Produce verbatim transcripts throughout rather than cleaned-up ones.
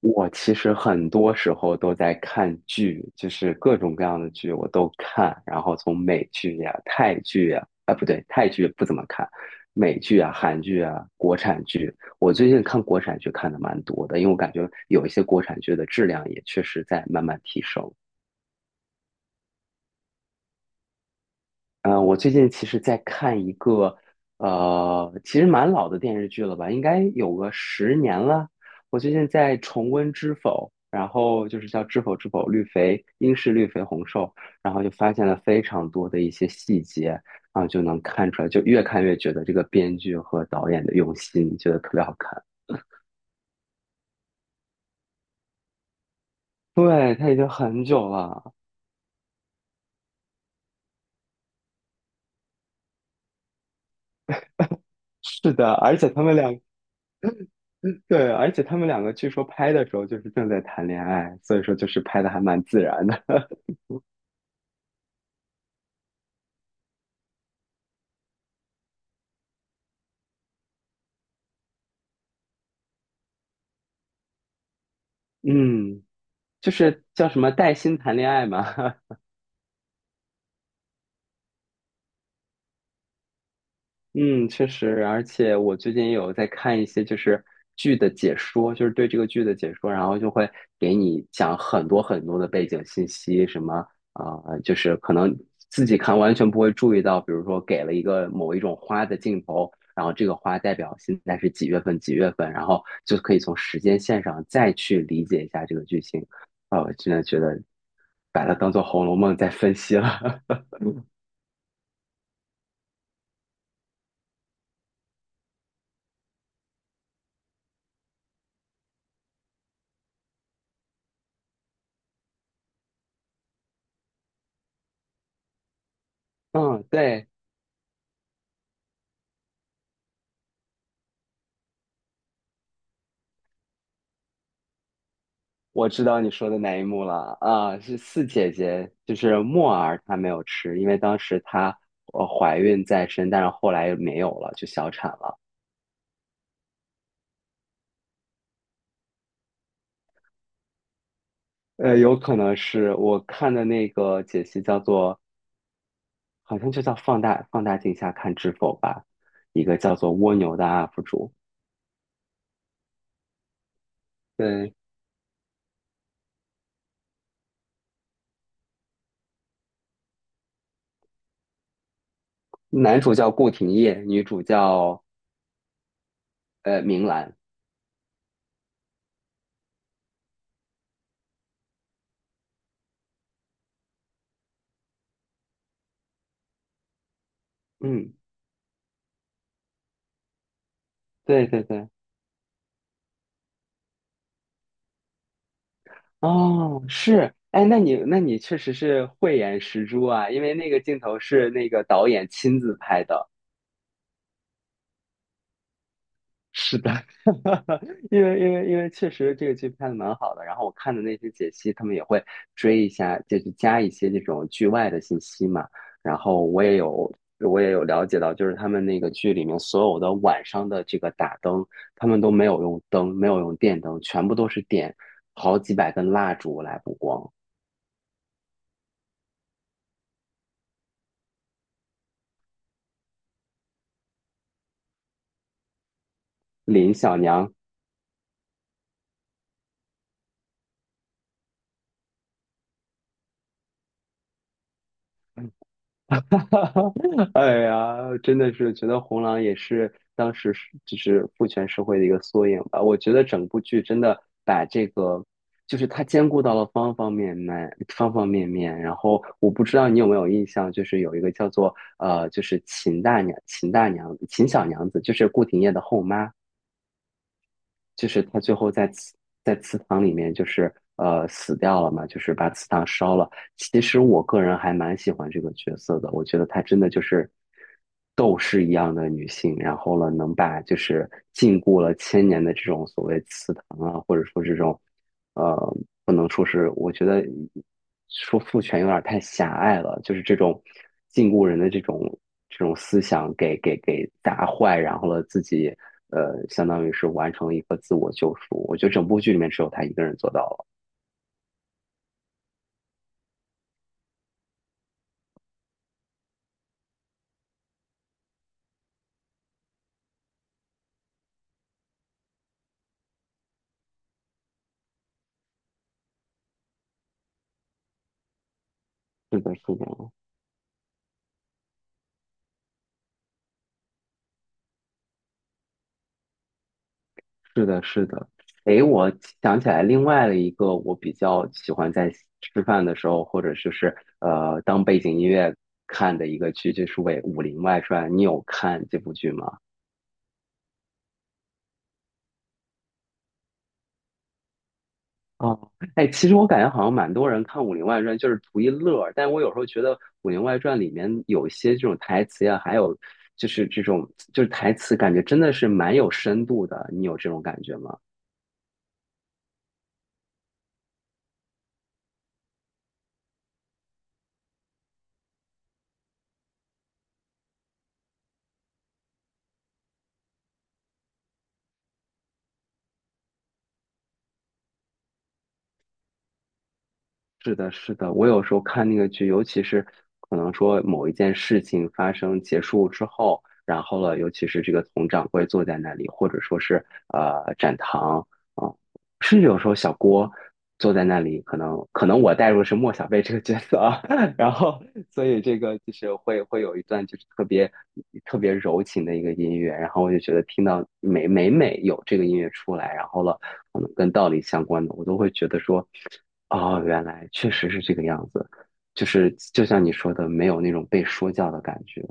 我其实很多时候都在看剧，就是各种各样的剧我都看，然后从美剧呀、泰剧呀，啊不对，泰剧不怎么看，美剧啊、韩剧啊、国产剧，我最近看国产剧看的蛮多的，因为我感觉有一些国产剧的质量也确实在慢慢提升。嗯，呃我最近其实在看一个，呃，其实蛮老的电视剧了吧，应该有个十年了。我最近在重温《知否》，然后就是叫《知否知否绿肥应是绿肥红瘦》，然后就发现了非常多的一些细节，然后就能看出来，就越看越觉得这个编剧和导演的用心，觉得特别好看。对，他已经很久了，是的，而且他们两对，而且他们两个据说拍的时候就是正在谈恋爱，所以说就是拍的还蛮自然的。嗯，就是叫什么带薪谈恋爱嘛，嗯，确实，而且我最近也有在看一些就是剧的解说，就是对这个剧的解说，然后就会给你讲很多很多的背景信息，什么啊、呃就是可能自己看完全不会注意到，比如说给了一个某一种花的镜头，然后这个花代表现在是几月份几月份，然后就可以从时间线上再去理解一下这个剧情，啊、我真的觉得把它当做《红楼梦》在分析了。嗯，对，我知道你说的哪一幕了啊，是四姐姐，就是墨儿她没有吃，因为当时她呃怀孕在身，但是后来没有了，就小产了。呃，有可能是我看的那个解析叫做，好像就叫放大放大镜下看知否吧，一个叫做蜗牛的 U P 主，对，男主叫顾廷烨，女主叫呃明兰，嗯，对对对。哦，是，哎，那你那你确实是慧眼识珠啊，因为那个镜头是那个导演亲自拍的。是的，因为因为因为确实这个剧拍的蛮好的，然后我看的那些解析，他们也会追一下，就是加一些这种剧外的信息嘛。然后我也有我也有了解到，就是他们那个剧里面所有的晚上的这个打灯，他们都没有用灯，没有用电灯，全部都是点好几百根蜡烛来补光。林小娘。哎呀，真的是觉得红狼也是当时是就是父权社会的一个缩影吧。我觉得整部剧真的把这个，就是它兼顾到了方方面面、方方面面。然后我不知道你有没有印象，就是有一个叫做呃，就是秦大娘、秦大娘、秦小娘子，就是顾廷烨的后妈。就是他最后在祠在祠堂里面，就是呃死掉了嘛，就是把祠堂烧了。其实我个人还蛮喜欢这个角色的，我觉得她真的就是斗士一样的女性，然后呢，能把就是禁锢了千年的这种所谓祠堂啊，或者说这种。呃，不能说是，我觉得说父权有点太狭隘了，就是这种禁锢人的这种这种思想给给给砸坏，然后了自己呃，相当于是完成了一个自我救赎。我觉得整部剧里面只有他一个人做到了。是的，是的，是的，是的。诶，我想起来另外的一个，我比较喜欢在吃饭的时候，或者就是呃当背景音乐看的一个剧，就是为《武林外传》。你有看这部剧吗？哦，哎，其实我感觉好像蛮多人看《武林外传》就是图一乐儿，但我有时候觉得《武林外传》里面有一些这种台词呀，还有就是这种就是台词，感觉真的是蛮有深度的。你有这种感觉吗？是的，是的，我有时候看那个剧，尤其是可能说某一件事情发生结束之后，然后了，尤其是这个佟掌柜坐在那里，或者说是呃展堂啊、甚至有时候小郭坐在那里，可能可能我带入的是莫小贝这个角色啊，然后所以这个就是会会有一段就是特别特别柔情的一个音乐，然后我就觉得听到每每每有这个音乐出来，然后了可能跟道理相关的，我都会觉得说。哦，原来确实是这个样子，就是就像你说的，没有那种被说教的感觉。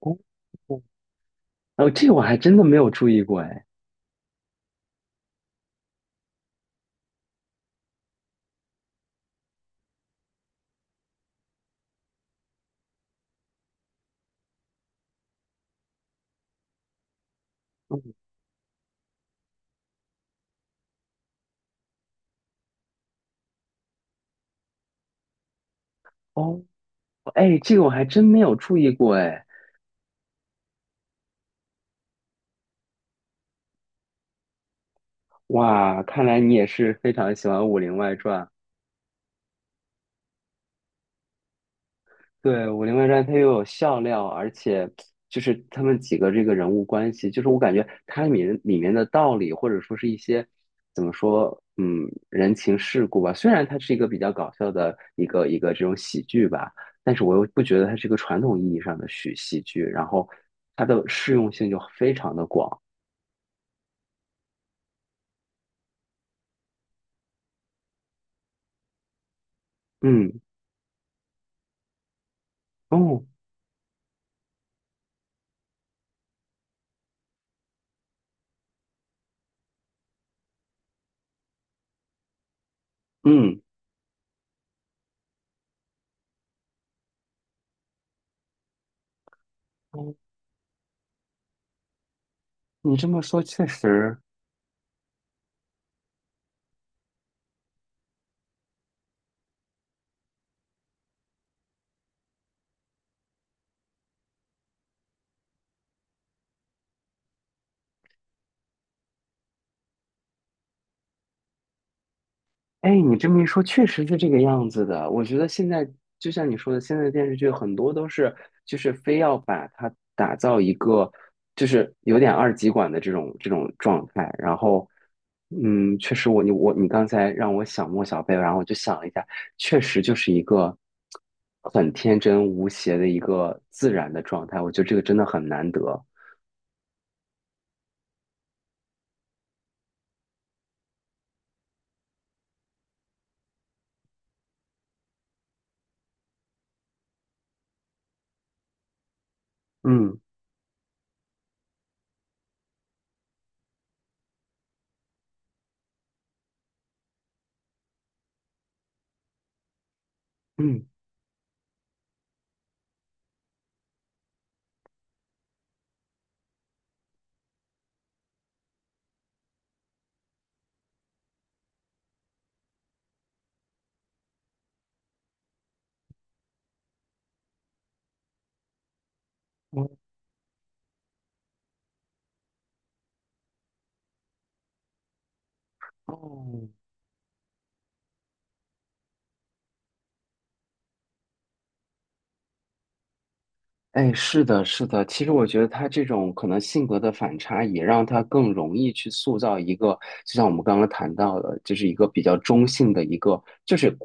哦，哦，哦，这个我还真的没有注意过，哎，嗯哦，哎，这个我还真没有注意过，哎，哇，看来你也是非常喜欢《武林外传》。对，《武林外传》它又有笑料，而且就是他们几个这个人物关系，就是我感觉它里面里面的道理，或者说是一些怎么说，嗯，人情世故吧。虽然它是一个比较搞笑的一个一个这种喜剧吧，但是我又不觉得它是一个传统意义上的喜喜剧，然后它的适用性就非常的广。嗯，哦，嗯，哦你这么说确实，哎，你这么一说，确实是这个样子的。我觉得现在就像你说的，现在的电视剧很多都是，就是非要把它打造一个，就是有点二极管的这种这种状态。然后，嗯，确实我你我你刚才让我想莫小贝，然后我就想了一下，确实就是一个很天真无邪的一个自然的状态。我觉得这个真的很难得。嗯嗯，哦，哎，是的，是的。其实我觉得他这种可能性格的反差，也让他更容易去塑造一个，就像我们刚刚谈到的，就是一个比较中性的一个，就是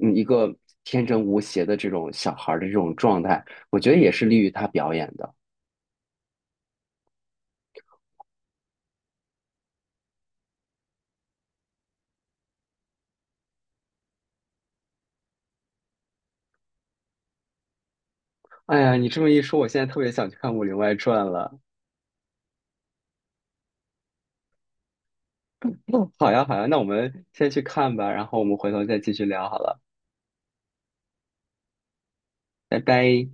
嗯一个天真无邪的这种小孩儿的这种状态。我觉得也是利于他表演的。哎呀，你这么一说，我现在特别想去看《武林外传》了。嗯，好呀，好呀，那我们先去看吧，然后我们回头再继续聊好了，拜拜。